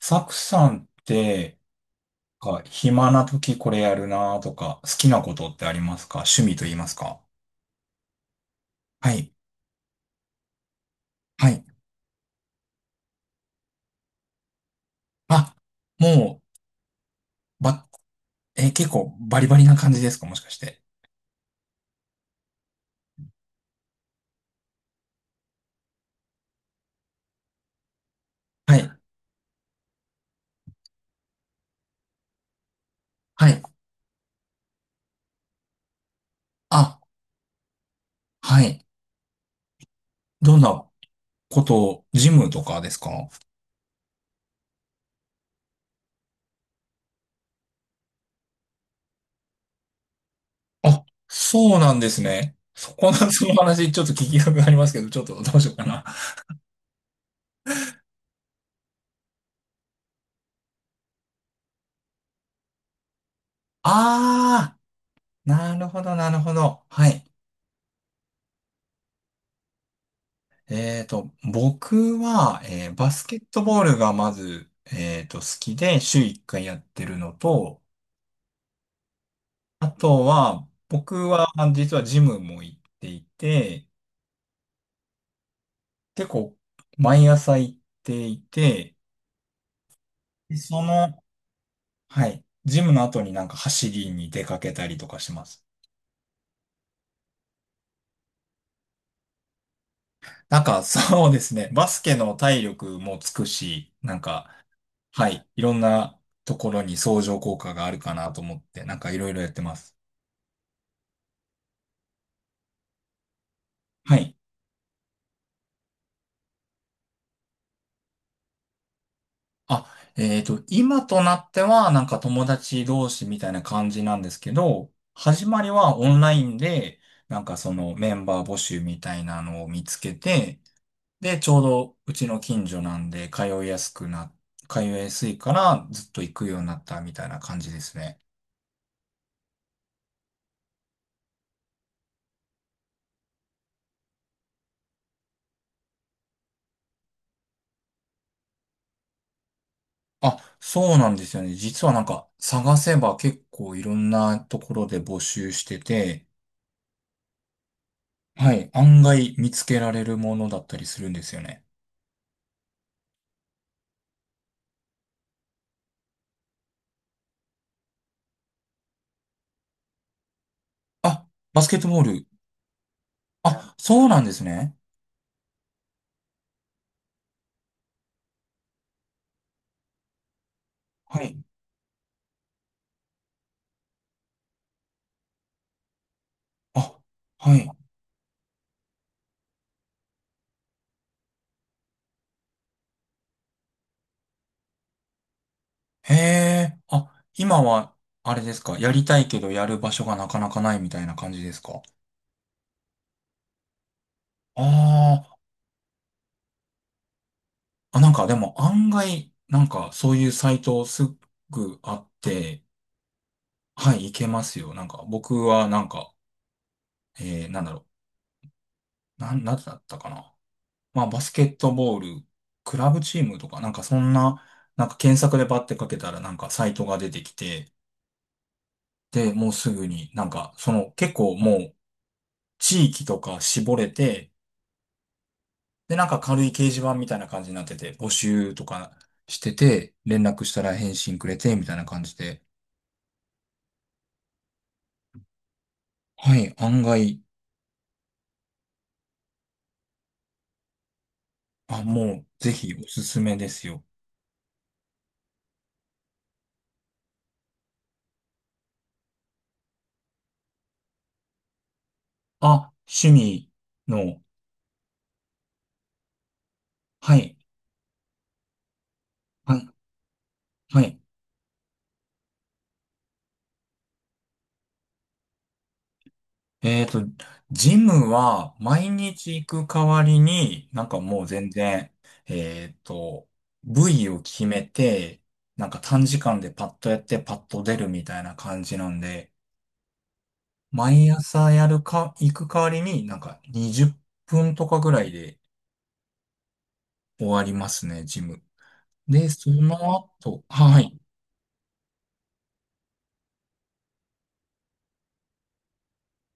サクさんって、暇な時これやるなとか、好きなことってありますか？趣味と言いますか？はい。はい。あ、もう、ば、え、結構バリバリな感じですか？もしかして。はい。はい。あ、はい。どんなことを、ジムとかですか？あ、そうなんですね。そこの、その話、ちょっと聞きたくありますけど、ちょっとどうしようかな。ああ、なるほど、なるほど。はい。僕は、バスケットボールがまず、好きで週1回やってるのと、あとは、僕はあ実はジムも行っていて、結構毎朝行っていて、ではい、ジムの後になんか走りに出かけたりとかします。なんか そうですね、バスケの体力もつくし、なんか、はい、いろんなところに相乗効果があるかなと思って、なんかいろいろやってます。はい。あ、今となっては、なんか友達同士みたいな感じなんですけど、始まりはオンラインで、なんかそのメンバー募集みたいなのを見つけて、で、ちょうどうちの近所なんで、通いやすいからずっと行くようになったみたいな感じですね。あ、そうなんですよね。実はなんか探せば結構いろんなところで募集してて、はい、案外見つけられるものだったりするんですよね。あ、バスケットボール。あ、そうなんですね。はい。あ、はい。へえ。あ、今は、あれですか。やりたいけどやる場所がなかなかないみたいな感じですか？あーあ、なんかでも案外、なんかそういうサイトすぐあって、はい、いけますよ。なんか僕はなんか、なんだろう。なんだったかな。まあ、バスケットボール、クラブチームとか、なんかそんな、なんか検索でバッてかけたらなんかサイトが出てきて、で、もうすぐになんか、結構もう地域とか絞れて、で、なんか軽い掲示板みたいな感じになってて、募集とかしてて、連絡したら返信くれて、みたいな感じで。はい、案外、あ、もうぜひおすすめですよ。あ、趣味の、はい、はい、はい。えっと、ジムは毎日行く代わりに、なんかもう全然、えっと、部位を決めて、なんか短時間でパッとやってパッと出るみたいな感じなんで、毎朝やるか、行く代わりになんか20分とかぐらいで終わりますね、ジム。で、その後、はい。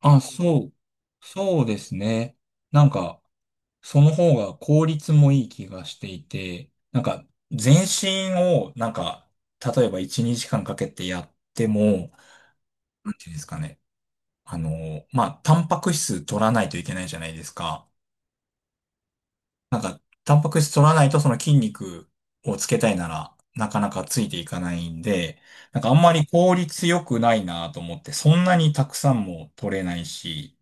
あ、そう、そうですね。なんか、その方が効率もいい気がしていて、なんか、全身を、なんか、例えば1、2時間かけてやっても、なんていうんですかね。あの、まあ、タンパク質取らないといけないじゃないですか。なんか、タンパク質取らないとその筋肉をつけたいなら、なかなかついていかないんで、なんかあんまり効率良くないなと思って、そんなにたくさんも取れないし、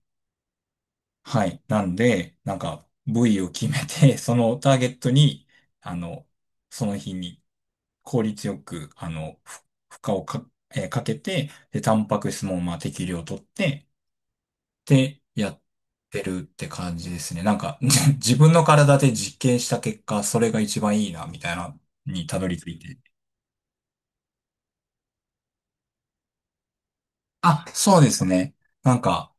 はい。なんで、なんか、部位を決めて、そのターゲットに、あの、その日に効率よく、あの、ふ負荷をか、かけて、で、タンパク質も、まあ、適量取って、で、やってるって感じですね。なんか、じ自分の体で実験した結果、それが一番いいな、みたいな、にたどり着いて。あ、そうですね。なんか、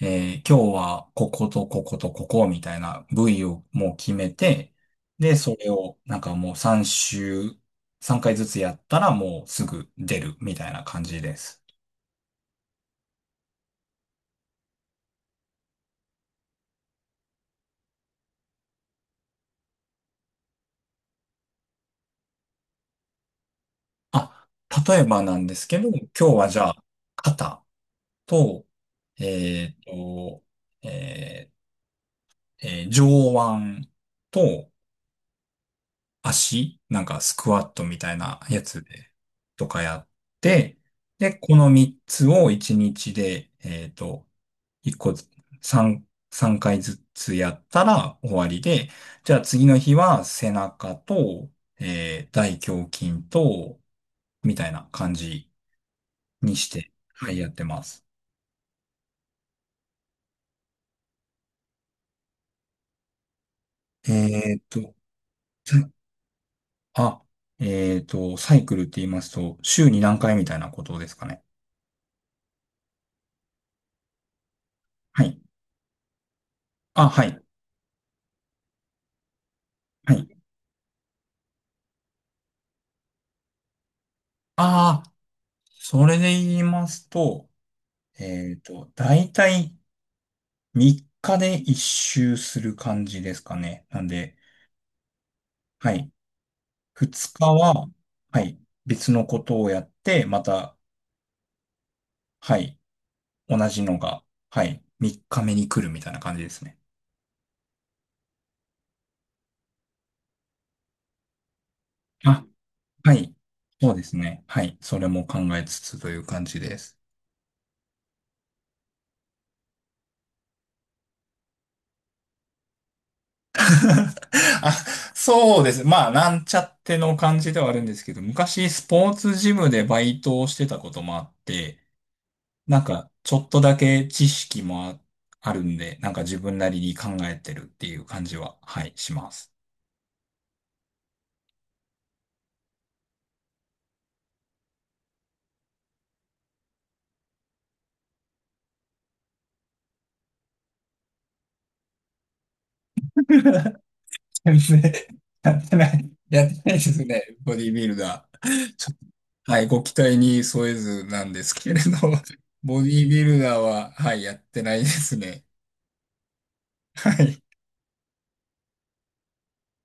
今日はこことこことここみたいな部位をもう決めて、で、それをなんかもう3週、3回ずつやったらもうすぐ出るみたいな感じです。あ、例えばなんですけど、今日はじゃあ、肩と、えっと、えー上腕と、足、なんかスクワットみたいなやつで、とかやって、で、この3つを1日で、1個ず、3、3回ずつやったら終わりで、じゃあ次の日は背中と、大胸筋と、みたいな感じにして、はい、やってます。えっと、さあ、えっと、サイクルって言いますと、週に何回みたいなことですかね。はい。あ、はい。はい。あ、それで言いますと、だいたい3日で一周する感じですかね。なんで、はい。2日は、はい。別のことをやって、また、はい。同じのが、はい。3日目に来るみたいな感じですね。あ、はい。そうですね。はい。それも考えつつという感じです。あ、そうです。まあ、なんちゃっての感じではあるんですけど、昔スポーツジムでバイトをしてたこともあって、なんか、ちょっとだけ知識もあるんで、なんか自分なりに考えてるっていう感じは、はい、します。全然、やってない、やってないですね、ボディービルダー。ちょっとはい、ご期待に添えずなんですけれど、ボディービルダーは、はい、やってないですね。はい。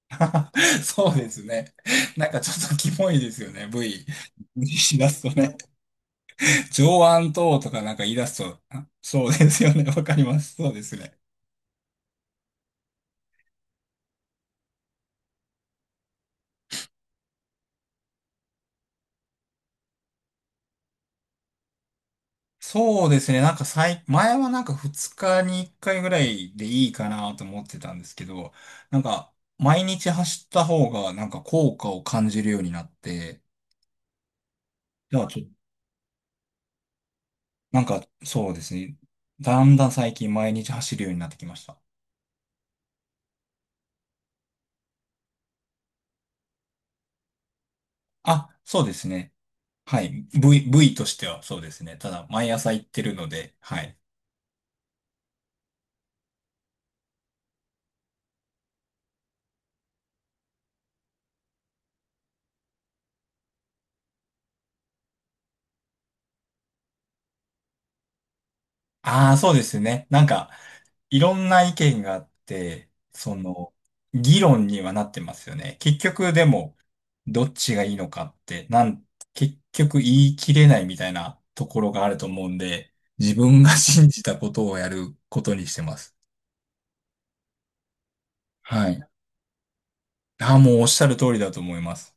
そうですね。なんかちょっとキモいですよね、V。しだすとね。上腕等とかなんか言い出すと、あ、そうですよね、わかります。そうですね。そうですね。なんか前はなんか2日に1回ぐらいでいいかなと思ってたんですけど、なんか毎日走った方がなんか効果を感じるようになって、じゃあちょ、なんかそうですね。だんだん最近毎日走るようになってきました。あ、そうですね。はい。部位としてはそうですね。ただ毎朝行ってるので、はい。ああ、そうですね。なんか、いろんな意見があって、その、議論にはなってますよね。結局、でも、どっちがいいのかって、結局言い切れないみたいなところがあると思うんで、自分が信じたことをやることにしてます。はい。ああ、もうおっしゃる通りだと思います。